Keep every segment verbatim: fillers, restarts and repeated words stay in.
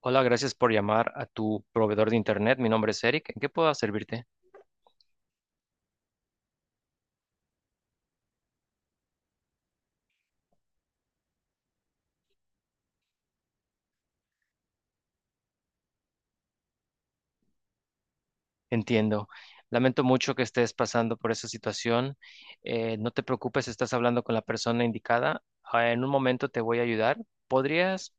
Hola, gracias por llamar a tu proveedor de Internet. Mi nombre es Eric. ¿En qué puedo servirte? Entiendo. Lamento mucho que estés pasando por esa situación. Eh, no te preocupes, estás hablando con la persona indicada. Ah, En un momento te voy a ayudar. ¿Podrías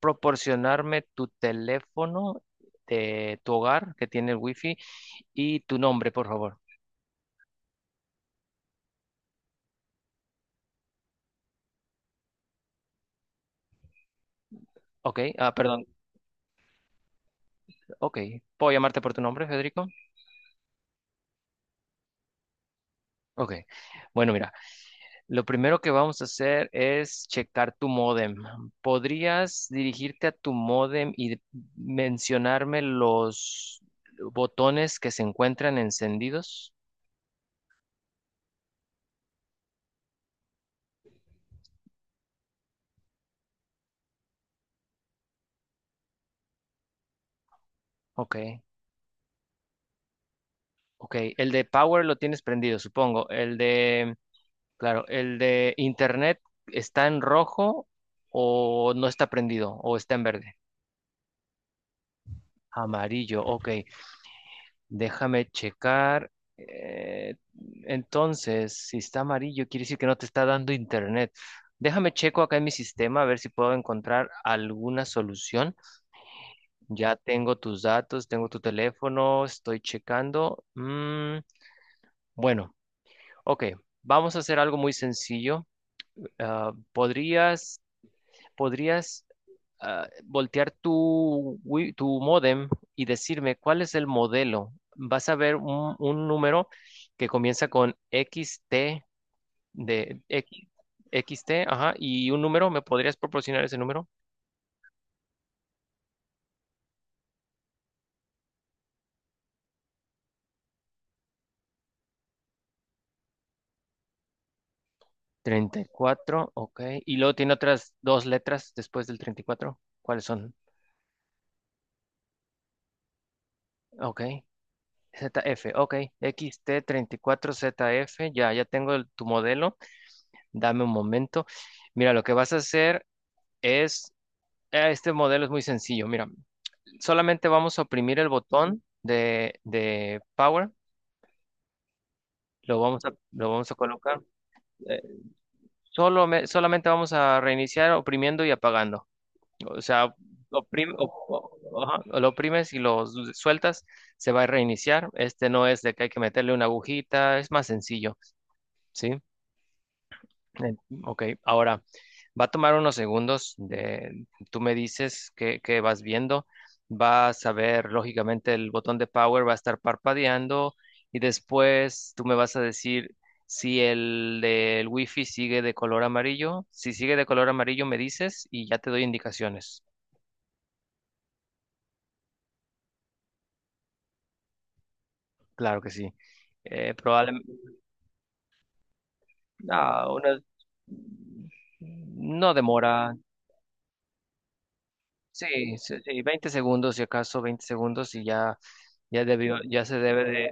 proporcionarme tu teléfono de tu hogar que tiene el wifi y tu nombre, por favor? Ok, ah, perdón. Ok, ¿puedo llamarte por tu nombre, Federico? Ok, bueno, mira. Lo primero que vamos a hacer es checar tu módem. ¿Podrías dirigirte a tu módem y mencionarme los botones que se encuentran encendidos? Ok, ok. El de power lo tienes prendido, supongo. El de, claro, el de internet está en rojo o no está prendido o está en verde. Amarillo, ok. Déjame checar. eh, entonces, si está amarillo, quiere decir que no te está dando internet. Déjame checo acá en mi sistema a ver si puedo encontrar alguna solución. Ya tengo tus datos, tengo tu teléfono, estoy checando. Mm, bueno, ok. Vamos a hacer algo muy sencillo. Ah, ¿podrías, podrías ah, voltear tu, wi- tu módem y decirme cuál es el modelo. Vas a ver un, un número que comienza con X T de X, XT, ajá, y un número, ¿me podrías proporcionar ese número? Treinta y cuatro, ok. Y luego tiene otras dos letras después del treinta y cuatro. ¿Cuáles son? Ok. Z F, ok. X T treinta y cuatro Z F. ya, ya tengo el- tu modelo. Dame un momento. Mira, lo que vas a hacer es... Eh, Este modelo es muy sencillo. Mira, solamente vamos a oprimir el botón de, de power. Lo vamos a, lo vamos a colocar. eh, solo me- Solamente vamos a reiniciar oprimiendo y apagando. O sea, oprim- o- o- ajá, lo oprimes y lo s- sueltas, se va a reiniciar. Este no es de que hay que meterle una agujita, es más sencillo, ¿sí? En- Ok, ahora va a tomar unos segundos de, tú me dices que, que vas viendo, vas a ver, lógicamente el botón de power va a estar parpadeando y después tú me vas a decir si el del wifi sigue de color amarillo. Si sigue de color amarillo me dices y ya te doy indicaciones. Claro que sí. Probablemente, no, una- no demora. Sí, sí, sí, veinte segundos, si acaso veinte segundos y ya, ya debió, ya se debe de...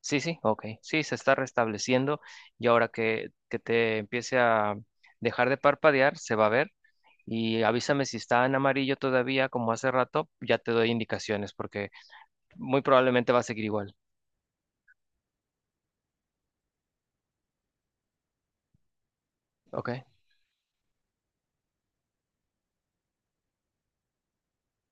Sí, sí, ok. Sí, se está restableciendo y ahora que, que te empiece a dejar de parpadear, se va a ver. Y avísame si está en amarillo todavía, como hace rato, ya te doy indicaciones porque muy probablemente va a seguir igual. Ok.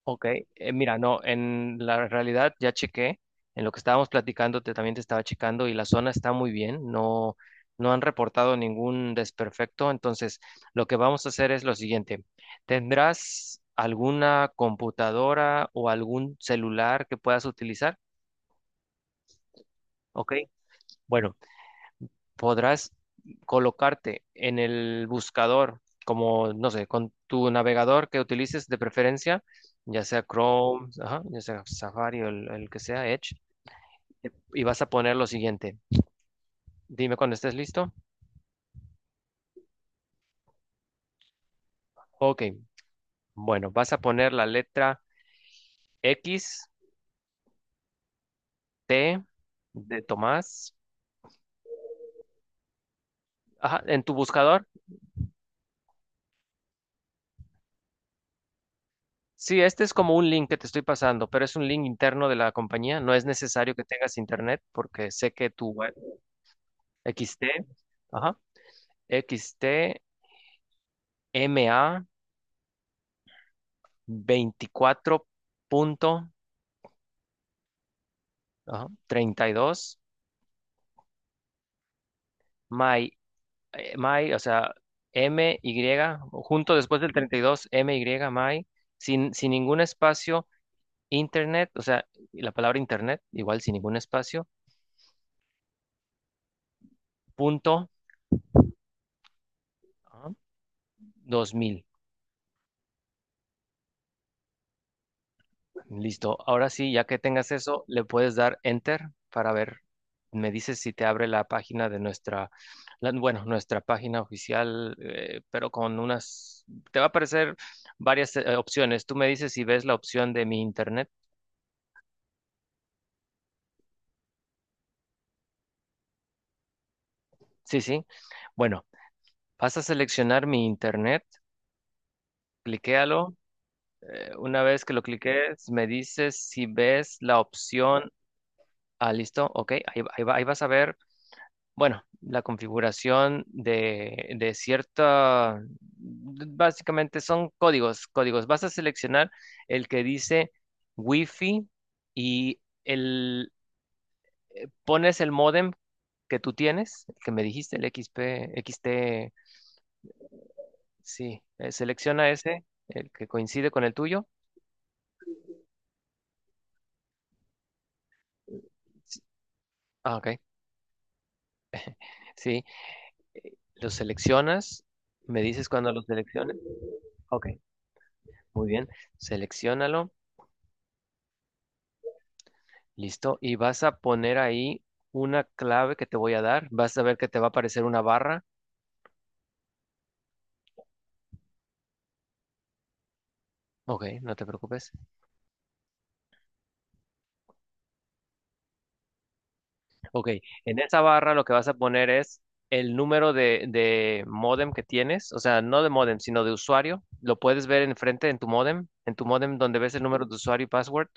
Ok, eh, mira, no, en la realidad ya chequé, en lo que estábamos platicando te, también te estaba checando y la zona está muy bien. No, no han reportado ningún desperfecto, entonces lo que vamos a hacer es lo siguiente, ¿tendrás alguna computadora o algún celular que puedas utilizar? Ok, bueno. Podrás colocarte en el buscador, como, no sé, con tu navegador que utilices de preferencia, ya sea Chrome, ajá, ya sea Safari o el, el que sea, Edge, y vas a poner lo siguiente. Dime cuando estés listo. Ok, bueno, vas a poner la letra X, T de Tomás, ajá, en tu buscador. Sí, este es como un link que te estoy pasando, pero es un link interno de la compañía. No es necesario que tengas internet porque sé que tu web. X T, ajá, x t m a veinticuatro punto, ajá, treinta y dos, my, eh, my, o sea, m y junto después del treinta y dos m y my, sin, sin ningún espacio, internet, o sea, la palabra internet, igual sin ningún espacio, punto, ajá, dos mil. Listo. Ahora sí, ya que tengas eso, le puedes dar enter para ver. Me dices si te abre la página de nuestra, la- bueno, nuestra página oficial, eh, pero con unas, te va a aparecer varias eh, opciones. Tú me dices si ves la opción de mi internet. Sí, sí. Bueno, vas a seleccionar mi internet, cliquéalo. Eh, una vez que lo cliques, me dices si ves la opción. Ah, listo. Ok, ahí, ahí va- ahí vas a ver. Bueno, la configuración de, de cierta, básicamente son códigos, códigos. Vas a seleccionar el que dice Wi-Fi y el, pones el módem que tú tienes, el que me dijiste, el X P, X T. Sí, eh, selecciona ese, el que coincide con el tuyo. Sí. Ah, ok, sí, lo seleccionas, me dices cuando lo selecciones. Ok, muy bien, seleccionalo. Listo. Y vas a poner ahí una clave que te voy a dar. Vas a ver que te va a aparecer una barra. Ok, no te preocupes. Ok, en esa barra lo que vas a poner es el número de, de módem que tienes. O sea, no de módem, sino de usuario. Lo puedes ver enfrente en tu módem. En tu módem donde ves el número de usuario y password,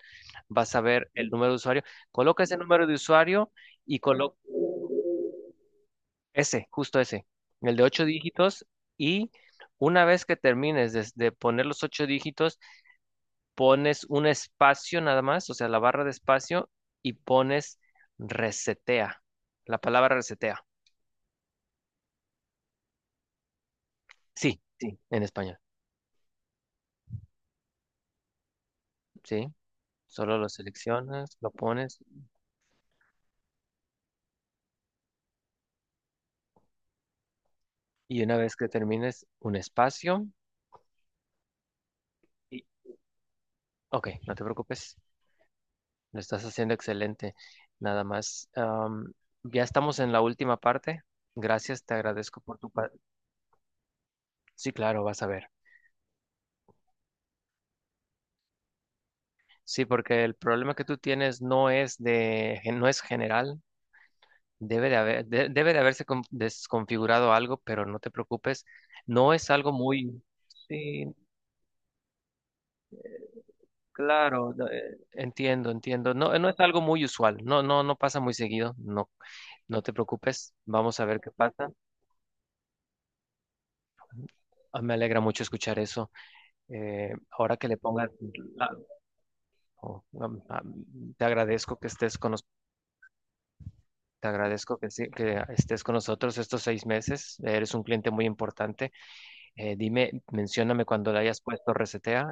vas a ver el número de usuario. Coloca ese número de usuario y coloca... Ese, justo ese, el de ocho dígitos. Y una vez que termines de, de poner los ocho dígitos, pones un espacio nada más, o sea, la barra de espacio y pones resetea. La palabra resetea. Sí, sí, en español. Sí, solo lo seleccionas, lo pones y una vez que termines un espacio, y, ok, no te preocupes, lo estás haciendo excelente. Nada más, am, ya estamos en la última parte. Gracias, te agradezco por tu... pa- Sí, claro, vas a ver. Sí, porque el problema que tú tienes no es de, no es general. Debe de haber, de- debe de haberse con- desconfigurado algo, pero no te preocupes, no es algo muy... Sí, claro, no, eh, entiendo, entiendo. No, no es algo muy usual, no, no, no pasa muy seguido, no, no te preocupes, vamos a ver qué pasa. Ah, me alegra mucho escuchar eso. Eh, ahora que le pongas, la- oh, am- am- te agradezco que estés con nos- te agradezco que, sí- que estés con nosotros estos seis meses, eres un cliente muy importante. Eh, dime, mencióname cuando le hayas puesto resetea.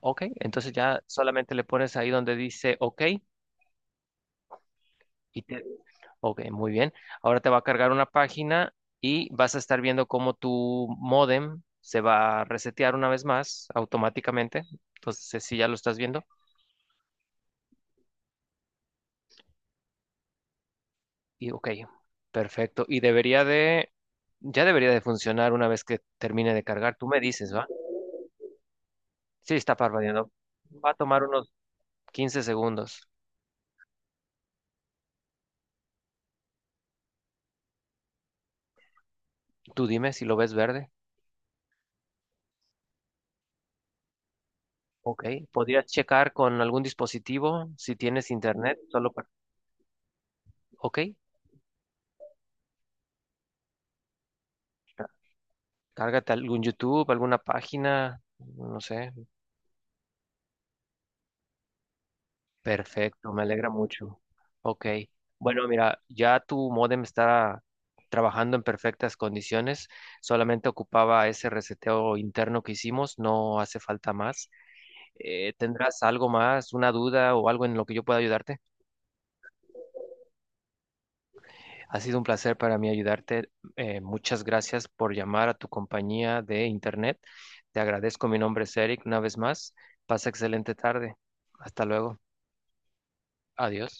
Ok, entonces ya solamente le pones ahí donde dice OK y te... Ok, muy bien. Ahora te va a cargar una página y vas a estar viendo cómo tu modem se va a resetear una vez más automáticamente. Entonces, si ya lo estás viendo. Y ok, perfecto. Y debería de... Ya debería de funcionar una vez que termine de cargar. Tú me dices, ¿va? Sí, está parpadeando. Va a tomar unos quince segundos. Tú dime si lo ves verde. Ok, podrías checar con algún dispositivo si tienes internet, solo para... Ok, ca- cárgate algún YouTube, alguna página, no sé. Perfecto, me alegra mucho. Ok, bueno, mira, ya tu modem está trabajando en perfectas condiciones, solamente ocupaba ese reseteo interno que hicimos, no hace falta más. Eh, ¿tendrás algo más, una duda o algo en lo que yo pueda ayudarte? Ha sido un placer para mí ayudarte. Eh, muchas gracias por llamar a tu compañía de Internet. Te agradezco. Mi nombre es Eric una vez más. Pasa excelente tarde. Hasta luego. Adiós.